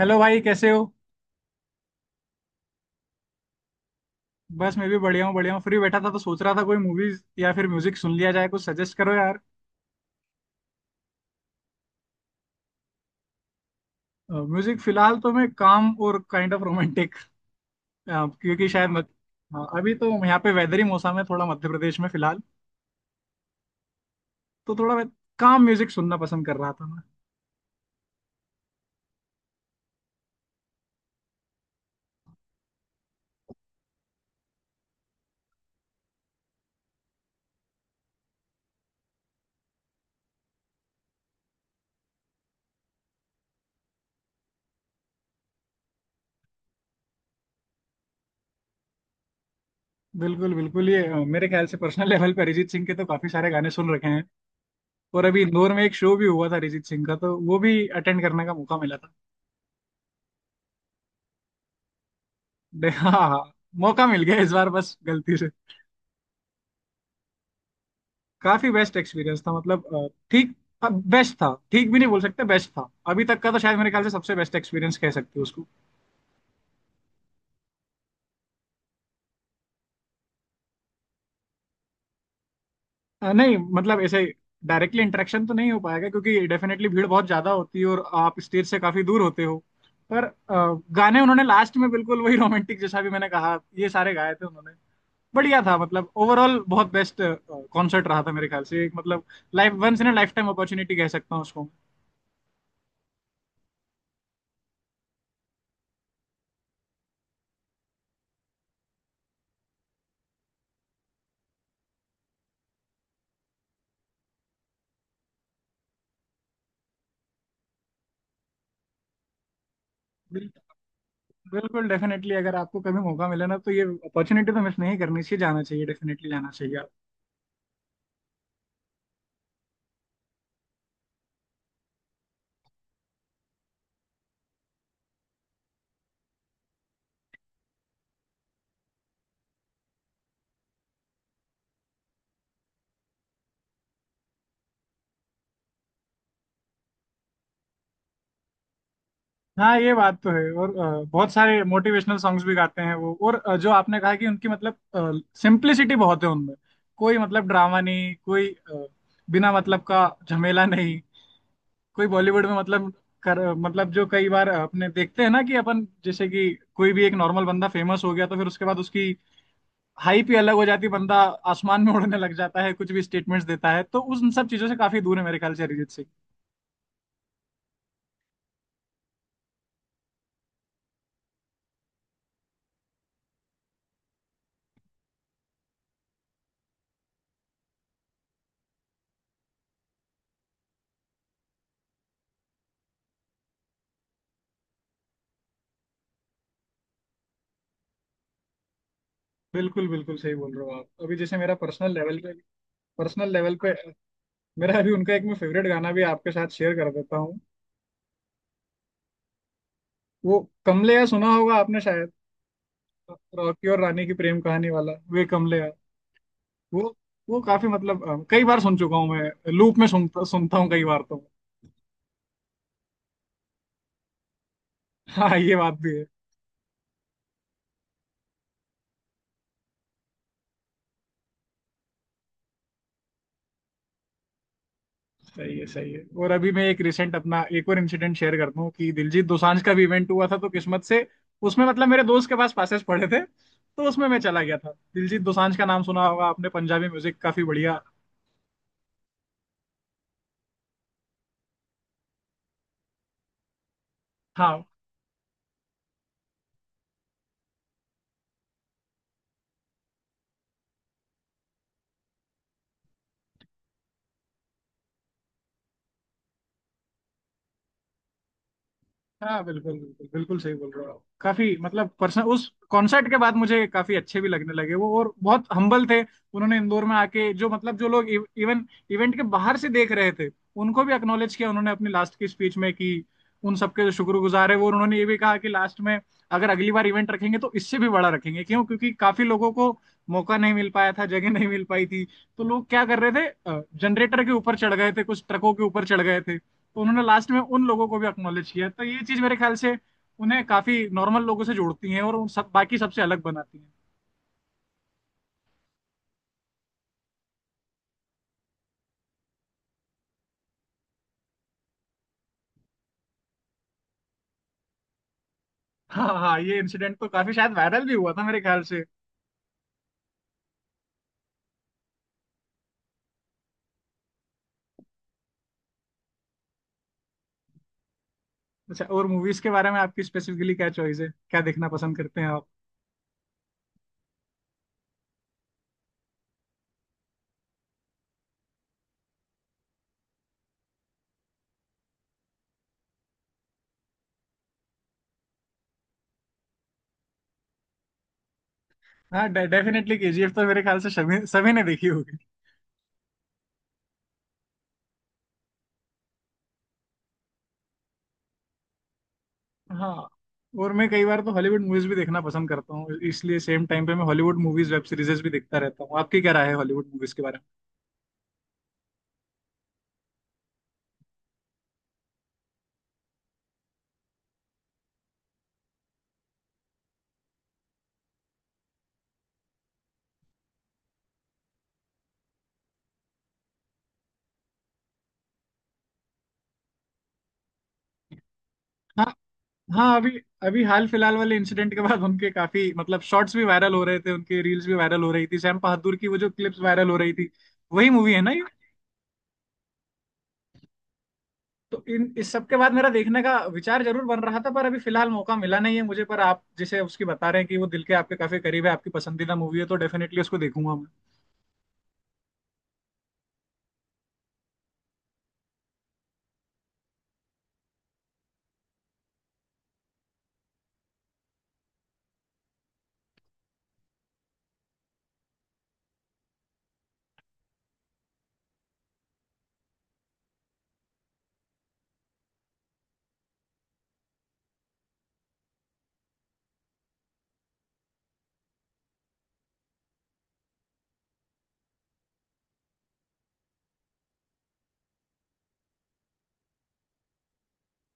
Hello भाई कैसे हो। बस मैं भी बढ़िया हूँ फ्री बैठा था तो सोच रहा था कोई मूवीज या फिर म्यूजिक सुन लिया जाए, कुछ सजेस्ट करो यार। म्यूजिक फिलहाल तो मैं काम और काइंड ऑफ रोमांटिक, क्योंकि शायद मत, हाँ, अभी तो यहाँ पे वेदर ही मौसम है थोड़ा, मध्य प्रदेश में फिलहाल। तो थोड़ा मैं काम म्यूजिक सुनना पसंद कर रहा था मैं। बिल्कुल बिल्कुल, ये मेरे ख्याल से पर्सनल लेवल पर अरिजीत सिंह के तो काफी सारे गाने सुन रखे हैं। और अभी इंदौर में एक शो भी हुआ था अरिजीत सिंह का, तो वो भी अटेंड करने का मौका मिला था। हाँ हाँ, मौका मिल गया इस बार, बस गलती से। काफी बेस्ट एक्सपीरियंस था, मतलब ठीक बेस्ट था, ठीक भी नहीं बोल सकते, बेस्ट था अभी तक का तो, शायद मेरे ख्याल से सबसे बेस्ट एक्सपीरियंस कह सकते हो उसको। नहीं, मतलब ऐसे डायरेक्टली इंटरेक्शन तो नहीं हो पाएगा क्योंकि डेफिनेटली भीड़ बहुत ज्यादा होती है और आप स्टेज से काफी दूर होते हो। पर गाने उन्होंने लास्ट में बिल्कुल वही रोमांटिक, जैसा भी मैंने कहा, ये सारे गाए थे उन्होंने। बढ़िया था, मतलब ओवरऑल बहुत बेस्ट कॉन्सर्ट रहा था मेरे ख्याल से, एक मतलब life once in lifetime opportunity कह सकता हूँ उसको। बिल्कुल डेफिनेटली, अगर आपको कभी मौका मिले ना तो ये अपॉर्चुनिटी तो मिस नहीं करनी चाहिए, जाना चाहिए, डेफिनेटली जाना चाहिए आप। हाँ ये बात तो है, और बहुत सारे मोटिवेशनल सॉन्ग्स भी गाते हैं वो, और जो आपने कहा कि उनकी मतलब सिंप्लिसिटी बहुत है उनमें, कोई मतलब ड्रामा नहीं, बिना मतलब का झमेला नहीं, कोई बॉलीवुड में मतलब कर मतलब, जो कई बार अपने देखते हैं ना कि अपन जैसे कि कोई भी एक नॉर्मल बंदा फेमस हो गया तो फिर उसके बाद उसकी हाइप ही अलग हो जाती है, बंदा आसमान में उड़ने लग जाता है, कुछ भी स्टेटमेंट्स देता है, तो उस उन सब चीजों से काफी दूर है मेरे ख्याल से अरिजीत सिंह। बिल्कुल बिल्कुल सही बोल रहे हो आप। अभी जैसे मेरा पर्सनल लेवल पे मेरा अभी उनका एक मैं फेवरेट गाना भी आपके साथ शेयर कर देता हूँ। वो कमलेया सुना होगा आपने शायद, रॉकी और रानी की प्रेम कहानी वाला, वे कमलेया। वो वो काफी मतलब कई बार सुन चुका हूँ मैं, लूप में सुनता सुनता हूँ कई बार तो। हाँ ये बात भी है। सही है सही है। और अभी मैं एक रिसेंट अपना एक और इंसिडेंट शेयर करता हूँ कि दिलजीत दोसांझ का भी इवेंट हुआ था, तो किस्मत से उसमें मतलब मेरे दोस्त के पास पासेस पड़े थे तो उसमें मैं चला गया था। दिलजीत दोसांझ का नाम सुना होगा आपने, पंजाबी म्यूजिक काफी बढ़िया। हाँ हाँ बिल्कुल बिल्कुल बिल्कुल सही बोल रहे हो आप। काफी मतलब पर्सन उस कॉन्सर्ट के बाद मुझे काफी अच्छे भी लगने लगे वो, और बहुत हम्बल थे। उन्होंने इंदौर में आके जो मतलब जो लोग इवन इवेंट के बाहर से देख रहे थे, उनको भी एक्नॉलेज किया उन्होंने अपनी लास्ट की स्पीच में, कि उन सबके जो शुक्रगुजार है वो, और उन्होंने ये भी कहा कि लास्ट में अगर अगली बार इवेंट रखेंगे तो इससे भी बड़ा रखेंगे, क्योंकि काफी लोगों को मौका नहीं मिल पाया था, जगह नहीं मिल पाई थी। तो लोग क्या कर रहे थे, जनरेटर के ऊपर चढ़ गए थे, कुछ ट्रकों के ऊपर चढ़ गए थे। तो उन्होंने लास्ट में उन लोगों को भी अक्नॉलेज किया, तो ये चीज मेरे ख्याल से उन्हें काफी नॉर्मल लोगों से जोड़ती है, और उन सब बाकी सबसे अलग बनाती है। हाँ हाँ हाँ, ये इंसिडेंट तो काफी शायद वायरल भी हुआ था मेरे ख्याल से। अच्छा, और मूवीज के बारे में आपकी स्पेसिफिकली क्या चॉइस है, क्या देखना पसंद करते हैं आप? हाँ डेफिनेटली केजीएफ तो मेरे ख्याल से सभी सभी ने देखी होगी। हाँ, और मैं कई बार तो हॉलीवुड मूवीज भी देखना पसंद करता हूँ, इसलिए सेम टाइम पे मैं हॉलीवुड मूवीज वेब सीरीजेस भी देखता रहता हूँ। आपकी क्या राय है हॉलीवुड मूवीज के बारे में? हाँ अभी, अभी हाल फिलहाल वाले इंसिडेंट के बाद उनके काफी मतलब शॉर्ट्स भी वायरल हो रहे थे, उनके रील्स भी वायरल हो रही थी, सैम बहादुर की वो जो क्लिप्स वायरल हो रही थी, वही मूवी है ना ये? तो इन इस सब के बाद मेरा देखने का विचार जरूर बन रहा था, पर अभी फिलहाल मौका मिला नहीं है मुझे। पर आप जैसे उसकी बता रहे हैं कि वो दिल के आपके काफी करीब है, आपकी पसंदीदा मूवी है, तो डेफिनेटली उसको देखूंगा मैं।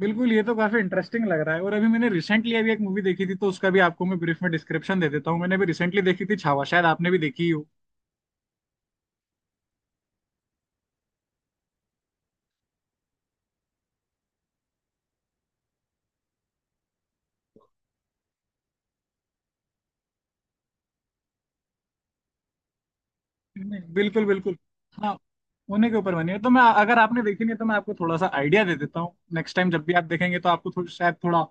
बिल्कुल, ये तो काफी इंटरेस्टिंग लग रहा है। और अभी मैंने रिसेंटली अभी एक मूवी देखी थी, तो उसका भी आपको मैं ब्रीफ में डिस्क्रिप्शन दे देता हूँ। मैंने अभी रिसेंटली देखी थी छावा, शायद आपने भी देखी हो। नहीं, बिल्कुल बिल्कुल। हाँ, उन्हीं के ऊपर बनी है। तो मैं, अगर आपने देखी नहीं है, तो मैं आपको थोड़ा सा आइडिया दे देता हूँ, नेक्स्ट टाइम जब भी आप देखेंगे तो आपको थोड़ा शायद थोड़ा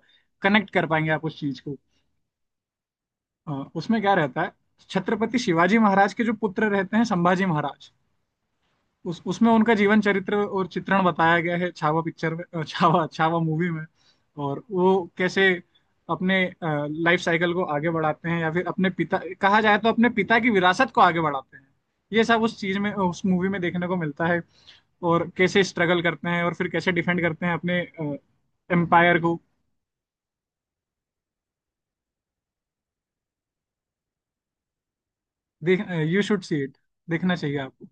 कनेक्ट कर पाएंगे आप उस चीज को। उसमें क्या रहता है, छत्रपति शिवाजी महाराज के जो पुत्र रहते हैं संभाजी महाराज, उस उसमें उनका जीवन चरित्र और चित्रण बताया गया है छावा पिक्चर में, अ, छावा छावा मूवी में। और वो कैसे अपने लाइफ साइकिल को आगे बढ़ाते हैं, या फिर अपने पिता कहा जाए तो अपने पिता की विरासत को आगे बढ़ाते हैं, ये सब उस चीज में उस मूवी में देखने को मिलता है। और कैसे स्ट्रगल करते हैं, और फिर कैसे डिफेंड करते हैं अपने एम्पायर को। देख, यू शुड सी इट, देखना चाहिए आपको।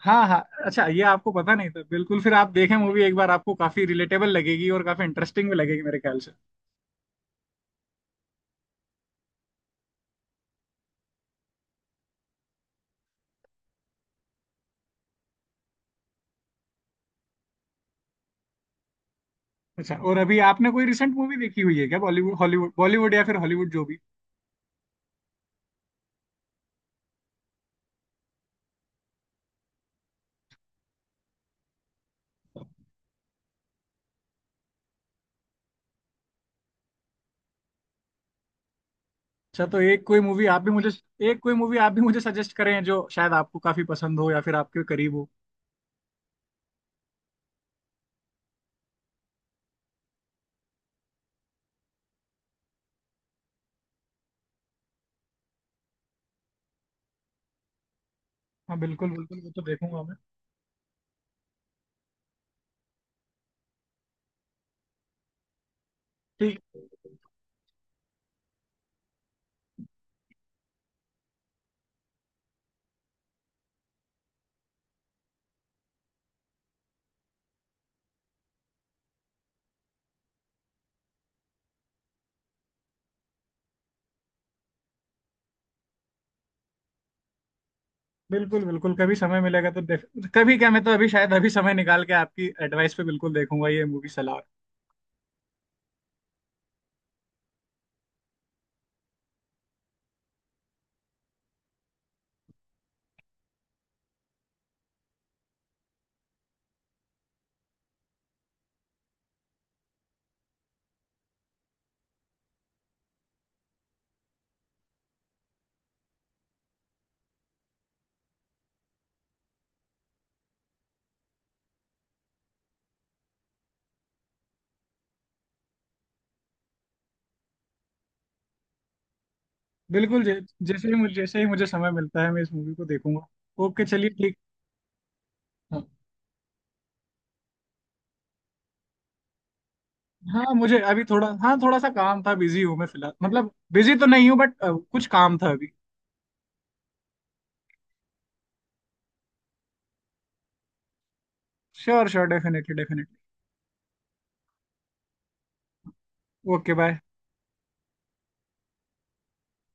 हाँ हाँ। अच्छा ये आपको पता नहीं था? बिल्कुल, फिर आप देखें मूवी एक बार, आपको काफी रिलेटेबल लगेगी और काफी इंटरेस्टिंग भी लगेगी मेरे ख्याल से। अच्छा, और अभी आपने कोई रिसेंट मूवी देखी हुई है क्या? बॉलीवुड हॉलीवुड, बॉलीवुड या फिर हॉलीवुड, जो भी। अच्छा तो एक कोई मूवी आप भी मुझे सजेस्ट करें, जो शायद आपको काफी पसंद हो या फिर आपके करीब हो। हाँ बिल्कुल बिल्कुल, वो तो देखूंगा मैं। ठीक। बिल्कुल बिल्कुल, कभी समय मिलेगा तो देख कभी क्या, मैं तो अभी शायद अभी समय निकाल के आपकी एडवाइस पे बिल्कुल देखूंगा ये मूवी, सलाह। बिल्कुल जैसे ही मुझे समय मिलता है मैं इस मूवी को देखूंगा। ओके चलिए, ठीक। हाँ मुझे अभी थोड़ा हाँ थोड़ा सा काम था, बिजी हूँ मैं फिलहाल, मतलब बिजी तो नहीं हूँ बट कुछ काम था अभी। Sure sure, definitely definitely. Okay bye.